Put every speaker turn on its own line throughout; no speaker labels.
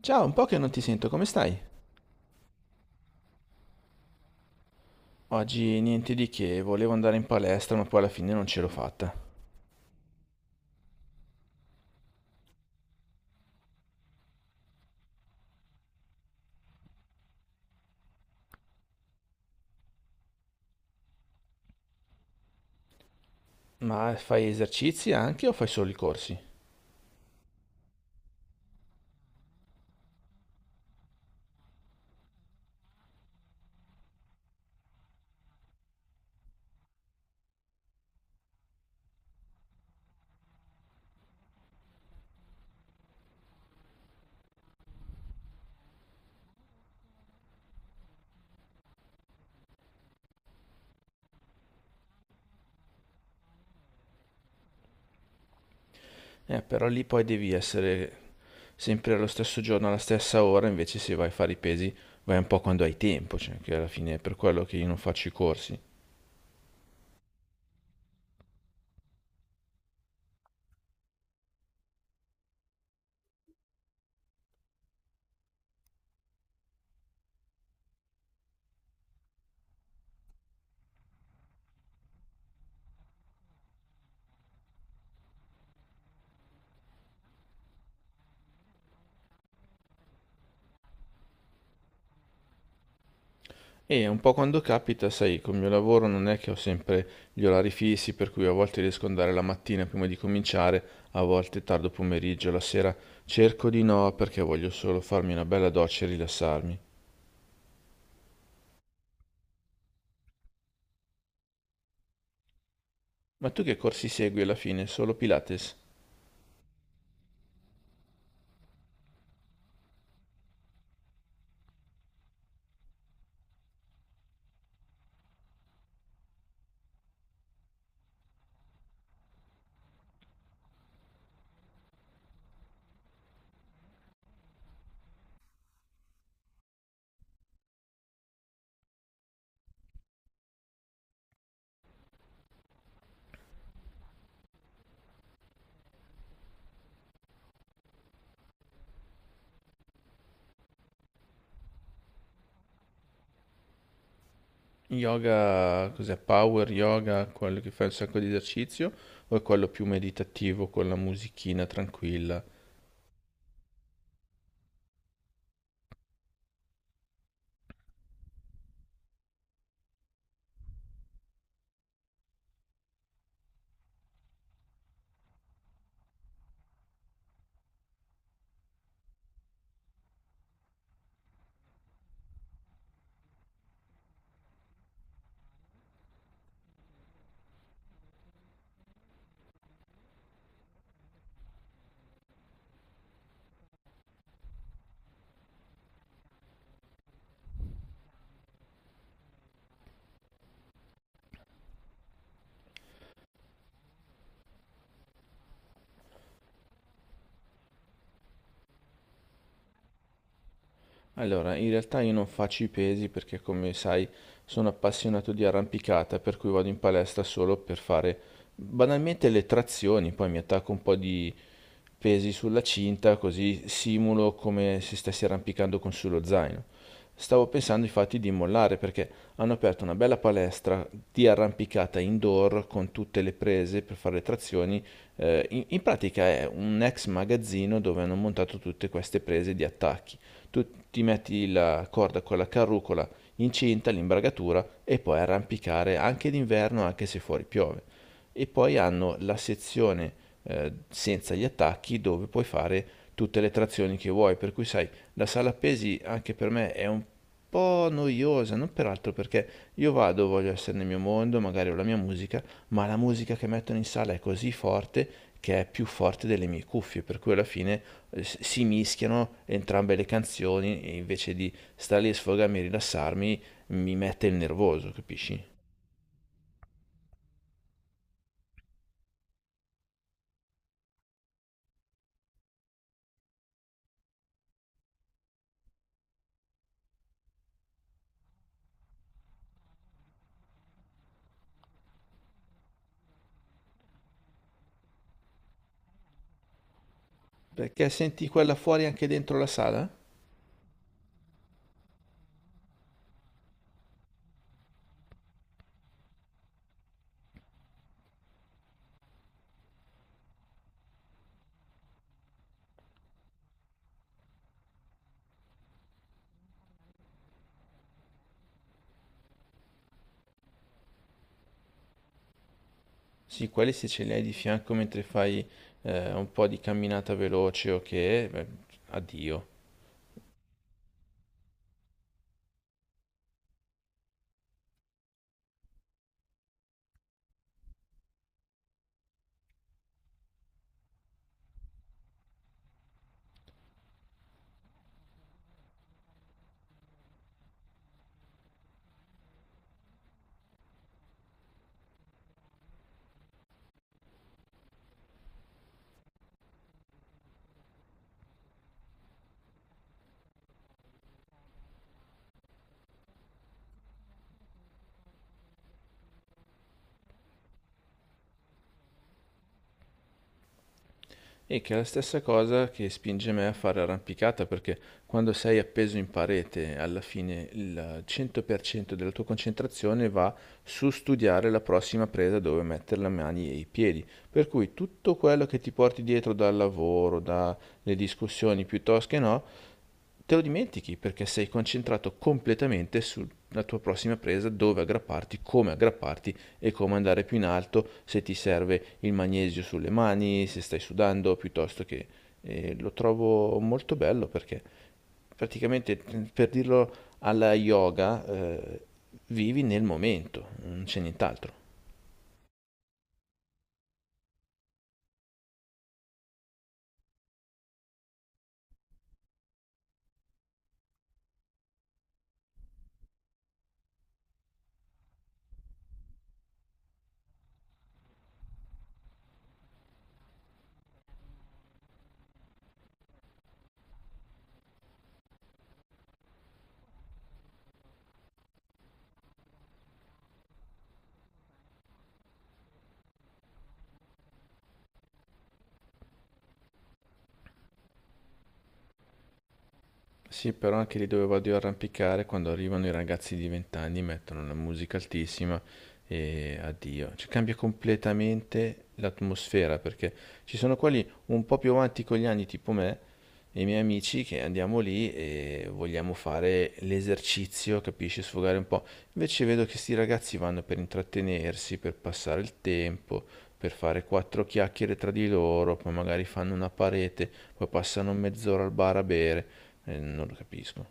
Ciao, un po' che non ti sento, come stai? Oggi niente di che, volevo andare in palestra, ma poi alla fine non ce l'ho fatta. Ma fai esercizi anche o fai solo i corsi? Però lì poi devi essere sempre allo stesso giorno, alla stessa ora, invece se vai a fare i pesi vai un po' quando hai tempo, cioè che alla fine è per quello che io non faccio i corsi. E un po' quando capita, sai, col mio lavoro non è che ho sempre gli orari fissi, per cui a volte riesco ad andare la mattina prima di cominciare, a volte tardo pomeriggio, la sera cerco di no perché voglio solo farmi una bella doccia e rilassarmi. Ma tu che corsi segui alla fine? Solo Pilates? Yoga, cos'è? Power yoga, quello che fa un sacco di esercizio? O è quello più meditativo con la musichina tranquilla? Allora, in realtà io non faccio i pesi perché, come sai, sono appassionato di arrampicata, per cui vado in palestra solo per fare banalmente le trazioni, poi mi attacco un po' di pesi sulla cinta, così simulo come se stessi arrampicando con sullo zaino. Stavo pensando infatti di mollare perché hanno aperto una bella palestra di arrampicata indoor con tutte le prese per fare le trazioni. In pratica è un ex magazzino dove hanno montato tutte queste prese di attacchi. Tu ti metti la corda con la carrucola incinta, l'imbragatura e puoi arrampicare anche d'inverno anche se fuori piove. E poi hanno la sezione senza gli attacchi dove puoi fare tutte le trazioni che vuoi, per cui sai, la sala pesi anche per me è un po' noiosa, non peraltro perché io vado, voglio essere nel mio mondo, magari ho la mia musica, ma la musica che mettono in sala è così forte che è più forte delle mie cuffie, per cui alla fine si mischiano entrambe le canzoni e invece di stare lì a sfogarmi e rilassarmi mi mette il nervoso, capisci? Perché senti quella fuori anche dentro la sala? Sì, quelli se ce li hai di fianco mentre fai un po' di camminata veloce o okay, che, beh, addio. E che è la stessa cosa che spinge me a fare arrampicata, perché quando sei appeso in parete, alla fine il 100% della tua concentrazione va su studiare la prossima presa dove mettere le mani e i piedi. Per cui tutto quello che ti porti dietro dal lavoro, dalle discussioni piuttosto che no, te lo dimentichi perché sei concentrato completamente sulla tua prossima presa, dove aggrapparti, come aggrapparti e come andare più in alto, se ti serve il magnesio sulle mani, se stai sudando, piuttosto che... e lo trovo molto bello perché praticamente, per dirlo alla yoga, vivi nel momento, non c'è nient'altro. Sì, però anche lì dove vado io a arrampicare, quando arrivano i ragazzi di 20 anni mettono una musica altissima e addio. Cioè cambia completamente l'atmosfera perché ci sono quelli un po' più avanti con gli anni, tipo me e i miei amici, che andiamo lì e vogliamo fare l'esercizio, capisci, sfogare un po'. Invece vedo che sti ragazzi vanno per intrattenersi, per passare il tempo, per fare quattro chiacchiere tra di loro, poi magari fanno una parete, poi passano mezz'ora al bar a bere, non lo capisco.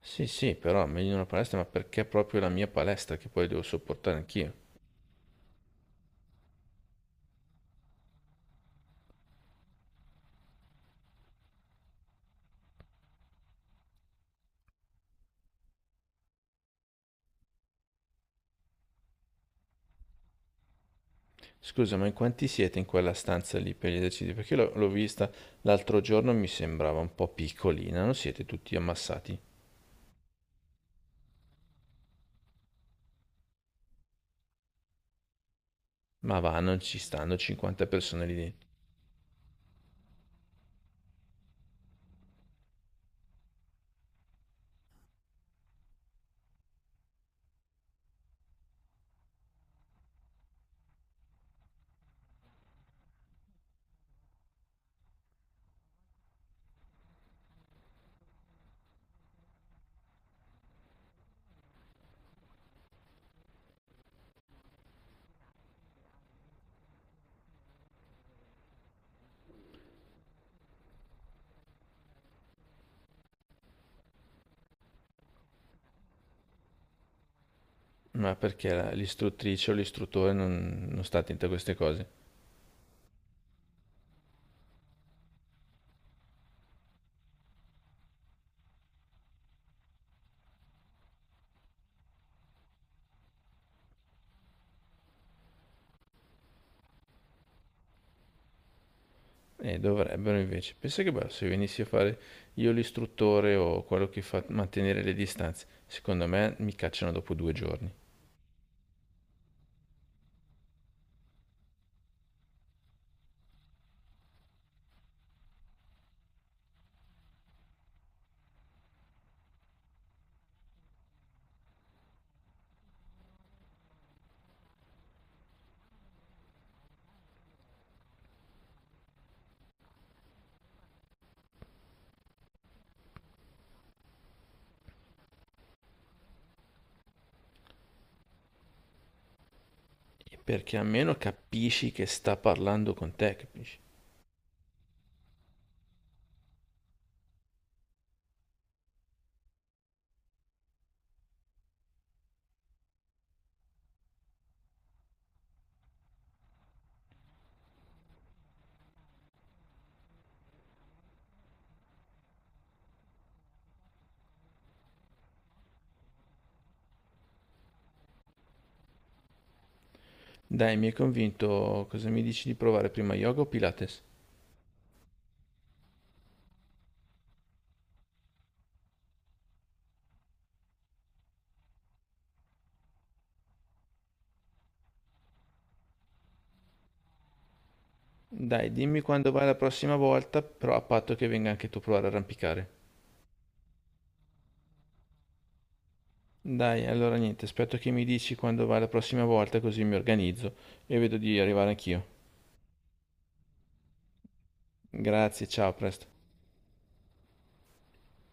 Sì, sì, però meglio in una palestra, ma perché proprio la mia palestra che poi devo sopportare anch'io? Scusa, ma in quanti siete in quella stanza lì per gli esercizi? Perché l'ho vista l'altro giorno e mi sembrava un po' piccolina, non siete tutti ammassati? Ma va, non ci stanno 50 persone lì dentro. Ma perché l'istruttrice o l'istruttore non sta attento a queste cose? E dovrebbero invece. Pensa che bello se venissi a fare io l'istruttore o quello che fa mantenere le distanze. Secondo me mi cacciano dopo 2 giorni. Perché almeno capisci che sta parlando con te, capisci? Dai, mi hai convinto. Cosa mi dici di provare prima yoga o Pilates? Dai, dimmi quando vai la prossima volta, però a patto che venga anche tu a provare a arrampicare. Dai, allora niente, aspetto che mi dici quando vai la prossima volta, così mi organizzo e vedo di arrivare anch'io. Grazie, ciao, a presto.